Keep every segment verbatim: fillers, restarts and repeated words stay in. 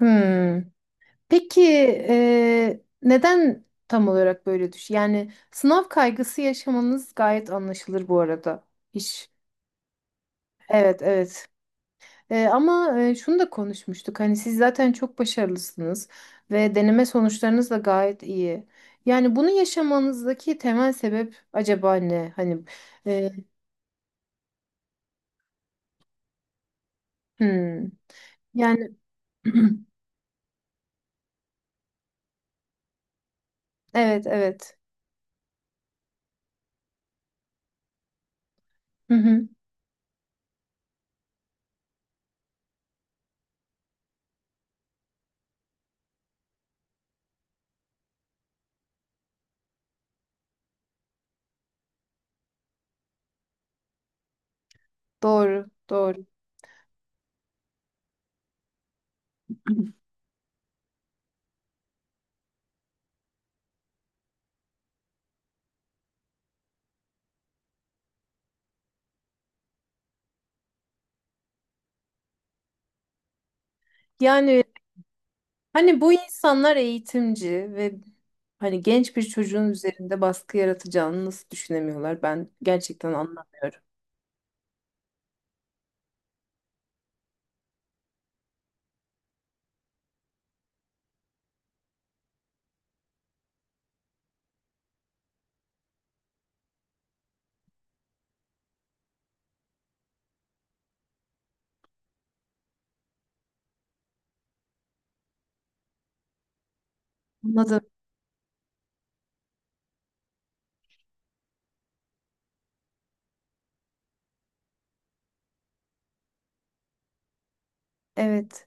Hmm. Peki e, neden tam olarak böyle düş? Yani sınav kaygısı yaşamanız gayet anlaşılır bu arada. Hiç. Evet, evet. E, ama e, şunu da konuşmuştuk. Hani siz zaten çok başarılısınız ve deneme sonuçlarınız da gayet iyi. Yani bunu yaşamanızdaki temel sebep acaba ne? Hani, e, hmm. Yani, evet, evet. Hı hı. Doğru, doğru. Yani, hani bu insanlar eğitimci ve hani genç bir çocuğun üzerinde baskı yaratacağını nasıl düşünemiyorlar? Ben gerçekten anlamıyorum. Anladım. Evet.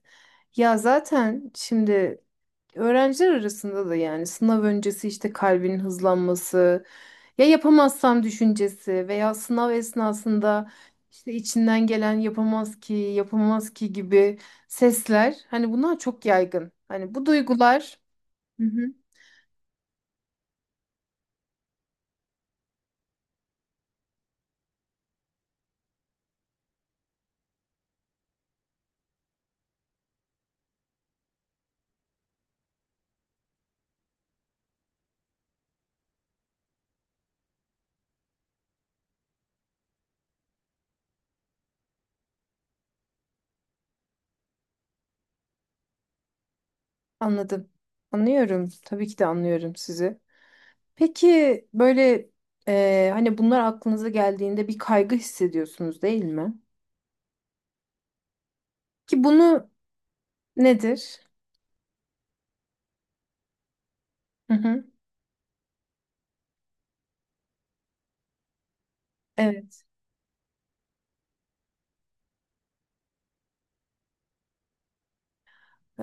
Ya zaten şimdi öğrenciler arasında da yani sınav öncesi işte kalbin hızlanması, ya yapamazsam düşüncesi veya sınav esnasında işte içinden gelen yapamaz ki, yapamaz ki gibi sesler, hani bunlar çok yaygın. Hani bu duygular. Hı hı. Anladım. Anlıyorum, tabii ki de anlıyorum sizi. Peki böyle, e, hani bunlar aklınıza geldiğinde bir kaygı hissediyorsunuz değil mi? Ki bunu, nedir? Hı hı. Evet.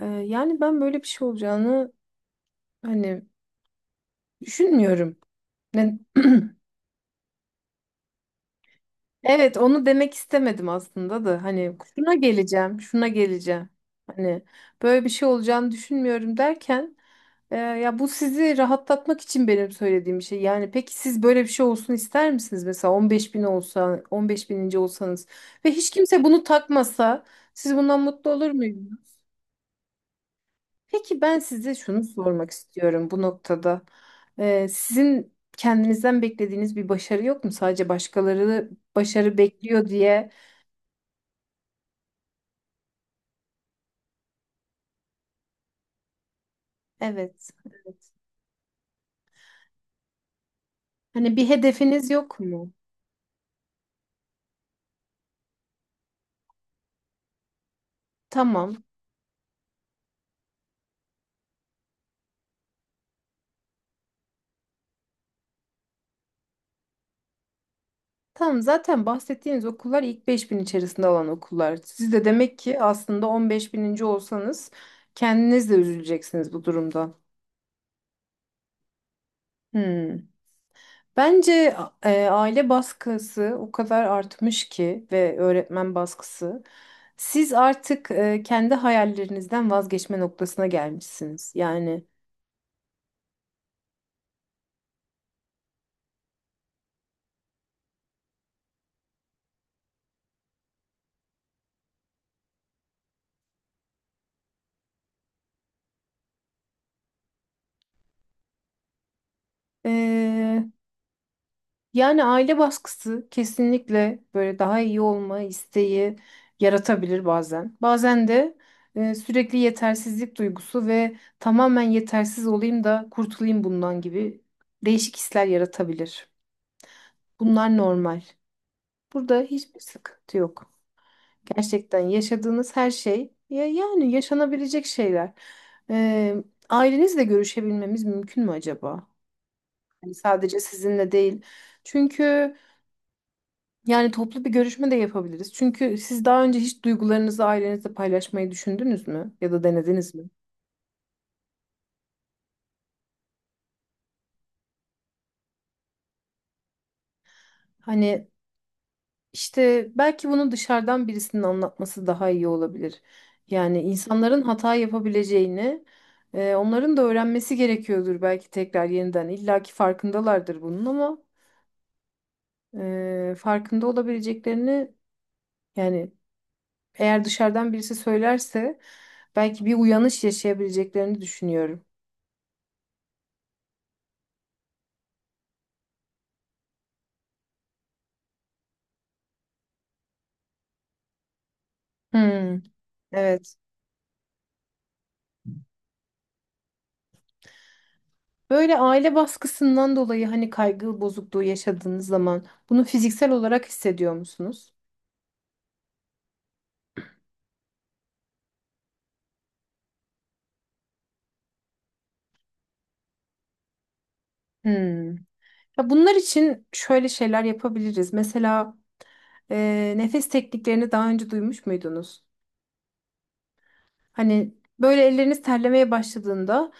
E, yani ben böyle bir şey olacağını hani düşünmüyorum. Ne? Evet, onu demek istemedim aslında da hani şuna geleceğim, şuna geleceğim. Hani böyle bir şey olacağını düşünmüyorum derken, e, ya bu sizi rahatlatmak için benim söylediğim bir şey. Yani peki siz böyle bir şey olsun ister misiniz? Mesela on beş bin olsa, on beş bininci olsanız ve hiç kimse bunu takmasa, siz bundan mutlu olur muydunuz? Peki ben size şunu sormak istiyorum bu noktada. E, sizin kendinizden beklediğiniz bir başarı yok mu? Sadece başkaları başarı bekliyor diye. Evet. Evet. Hani bir hedefiniz yok mu? Tamam. Tamam, zaten bahsettiğiniz okullar ilk beş bin içerisinde olan okullar. Siz de demek ki aslında on beş bininci olsanız, kendiniz de üzüleceksiniz bu durumda. Hmm. Bence a- e, aile baskısı o kadar artmış ki, ve öğretmen baskısı. Siz artık e, kendi hayallerinizden vazgeçme noktasına gelmişsiniz. Yani, e, yani aile baskısı kesinlikle böyle daha iyi olma isteği yaratabilir bazen. Bazen de e, sürekli yetersizlik duygusu ve tamamen yetersiz olayım da kurtulayım bundan gibi değişik hisler yaratabilir. Bunlar normal. Burada hiçbir sıkıntı yok. Gerçekten yaşadığınız her şey ya yani yaşanabilecek şeyler. E, ailenizle görüşebilmemiz mümkün mü acaba? Hani sadece sizinle değil. Çünkü, yani toplu bir görüşme de yapabiliriz. Çünkü siz daha önce hiç duygularınızı ailenizle paylaşmayı düşündünüz mü? Ya da denediniz mi? Hani işte belki bunu dışarıdan birisinin anlatması daha iyi olabilir. Yani insanların hata yapabileceğini, e, onların da öğrenmesi gerekiyordur belki tekrar yeniden. İlla ki farkındalardır bunun ama e, farkında olabileceklerini, yani eğer dışarıdan birisi söylerse belki bir uyanış yaşayabileceklerini düşünüyorum. Hmm, evet. Böyle aile baskısından dolayı hani kaygı bozukluğu yaşadığınız zaman bunu fiziksel olarak hissediyor musunuz? Hmm. Ya bunlar için şöyle şeyler yapabiliriz. Mesela, e, nefes tekniklerini daha önce duymuş muydunuz? Hani böyle elleriniz terlemeye başladığında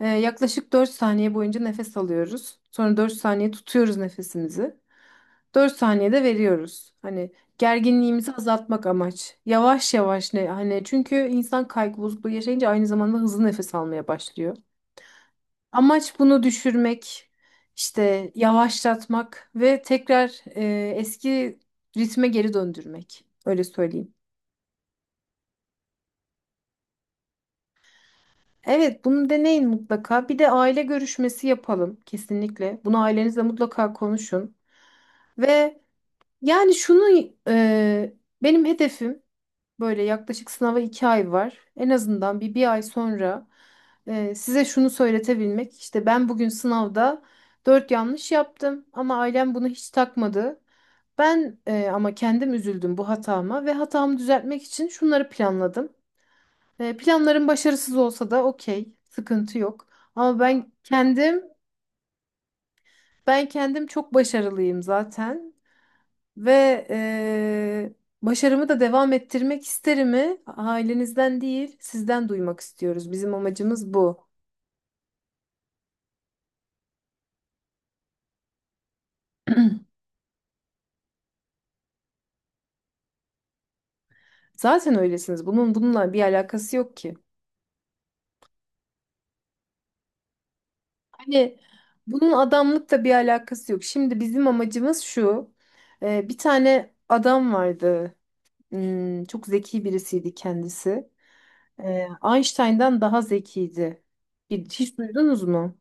e, yaklaşık dört saniye boyunca nefes alıyoruz. Sonra dört saniye tutuyoruz nefesimizi. Dört saniyede veriyoruz. Hani gerginliğimizi azaltmak amaç. Yavaş yavaş ne hani, çünkü insan kaygı bozukluğu yaşayınca aynı zamanda hızlı nefes almaya başlıyor. Amaç bunu düşürmek, işte yavaşlatmak ve tekrar e, eski ritme geri döndürmek. Öyle söyleyeyim. Evet, bunu deneyin mutlaka. Bir de aile görüşmesi yapalım kesinlikle. Bunu ailenizle mutlaka konuşun. Ve yani şunu, e, benim hedefim. Böyle, yaklaşık sınava iki ay var. En azından bir bir ay sonra e, size şunu söyletebilmek. İşte ben bugün sınavda dört yanlış yaptım ama ailem bunu hiç takmadı. Ben e, ama kendim üzüldüm bu hatama ve hatamı düzeltmek için şunları planladım. E, planlarım başarısız olsa da okey, sıkıntı yok. Ama ben kendim ben kendim çok başarılıyım zaten. Ve eee, başarımı da devam ettirmek isterimi ailenizden değil, sizden duymak istiyoruz. Bizim amacımız bu. Zaten öylesiniz. Bunun bununla bir alakası yok ki. Hani bunun adamlıkla bir alakası yok. Şimdi bizim amacımız şu. Eee, bir tane adam vardı. Hmm, çok zeki birisiydi kendisi. Eee, Einstein'dan daha zekiydi. Hiç duydunuz mu?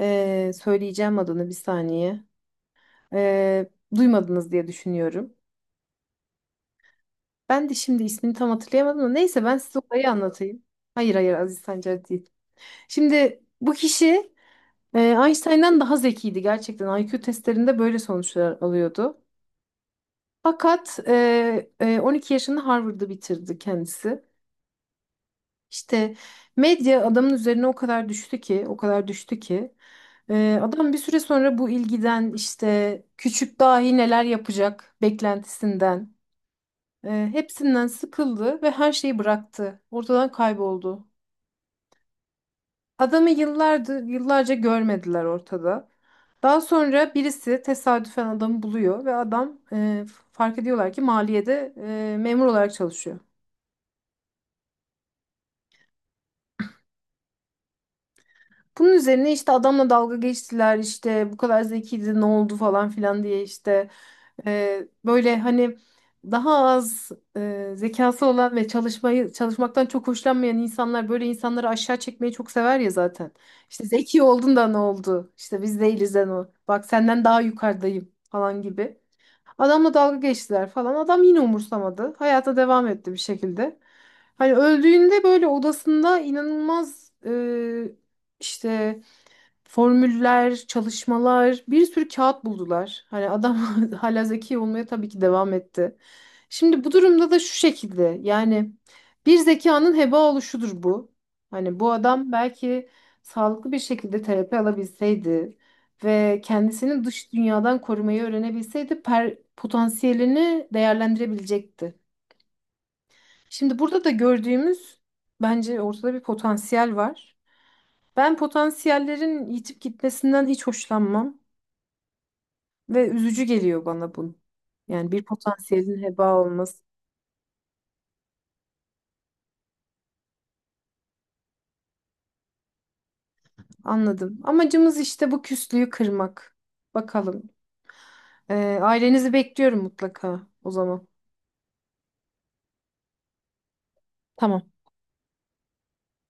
Eee, söyleyeceğim adını, bir saniye. Ee, duymadınız diye düşünüyorum. Ben de şimdi ismini tam hatırlayamadım da neyse ben size olayı anlatayım. Hayır, hayır, Aziz Sancar değil. Şimdi bu kişi e, Einstein'dan daha zekiydi gerçekten. I Q testlerinde böyle sonuçlar alıyordu. Fakat e, e, on iki yaşında Harvard'ı bitirdi kendisi. İşte medya adamın üzerine o kadar düştü ki, o kadar düştü ki e, adam bir süre sonra bu ilgiden, işte küçük dahi neler yapacak beklentisinden, Ee, hepsinden sıkıldı ve her şeyi bıraktı. Ortadan kayboldu. Adamı yıllardır, yıllarca görmediler ortada. Daha sonra birisi tesadüfen adamı buluyor ve adam, e, fark ediyorlar ki maliyede e, memur olarak çalışıyor. Bunun üzerine işte adamla dalga geçtiler, işte bu kadar zekiydi ne oldu falan filan diye, işte. Ee, böyle hani daha az e, zekası olan ve çalışmayı çalışmaktan çok hoşlanmayan insanlar böyle insanları aşağı çekmeyi çok sever ya zaten. İşte zeki oldun da ne oldu? İşte biz değiliz de o. Bak senden daha yukarıdayım falan gibi. Adamla dalga geçtiler falan. Adam yine umursamadı. Hayata devam etti bir şekilde. Hani öldüğünde böyle odasında inanılmaz, e, işte formüller, çalışmalar, bir sürü kağıt buldular. Hani adam hala zeki olmaya tabii ki devam etti. Şimdi bu durumda da şu şekilde, yani bir zekanın heba oluşudur bu. Hani bu adam belki sağlıklı bir şekilde terapi alabilseydi ve kendisini dış dünyadan korumayı öğrenebilseydi, per- potansiyelini değerlendirebilecekti. Şimdi burada da gördüğümüz, bence ortada bir potansiyel var. Ben potansiyellerin yitip gitmesinden hiç hoşlanmam ve üzücü geliyor bana bu. Yani bir potansiyelin heba olması. Anladım. Amacımız işte bu küslüğü kırmak. Bakalım. Ee, ailenizi bekliyorum mutlaka o zaman. Tamam.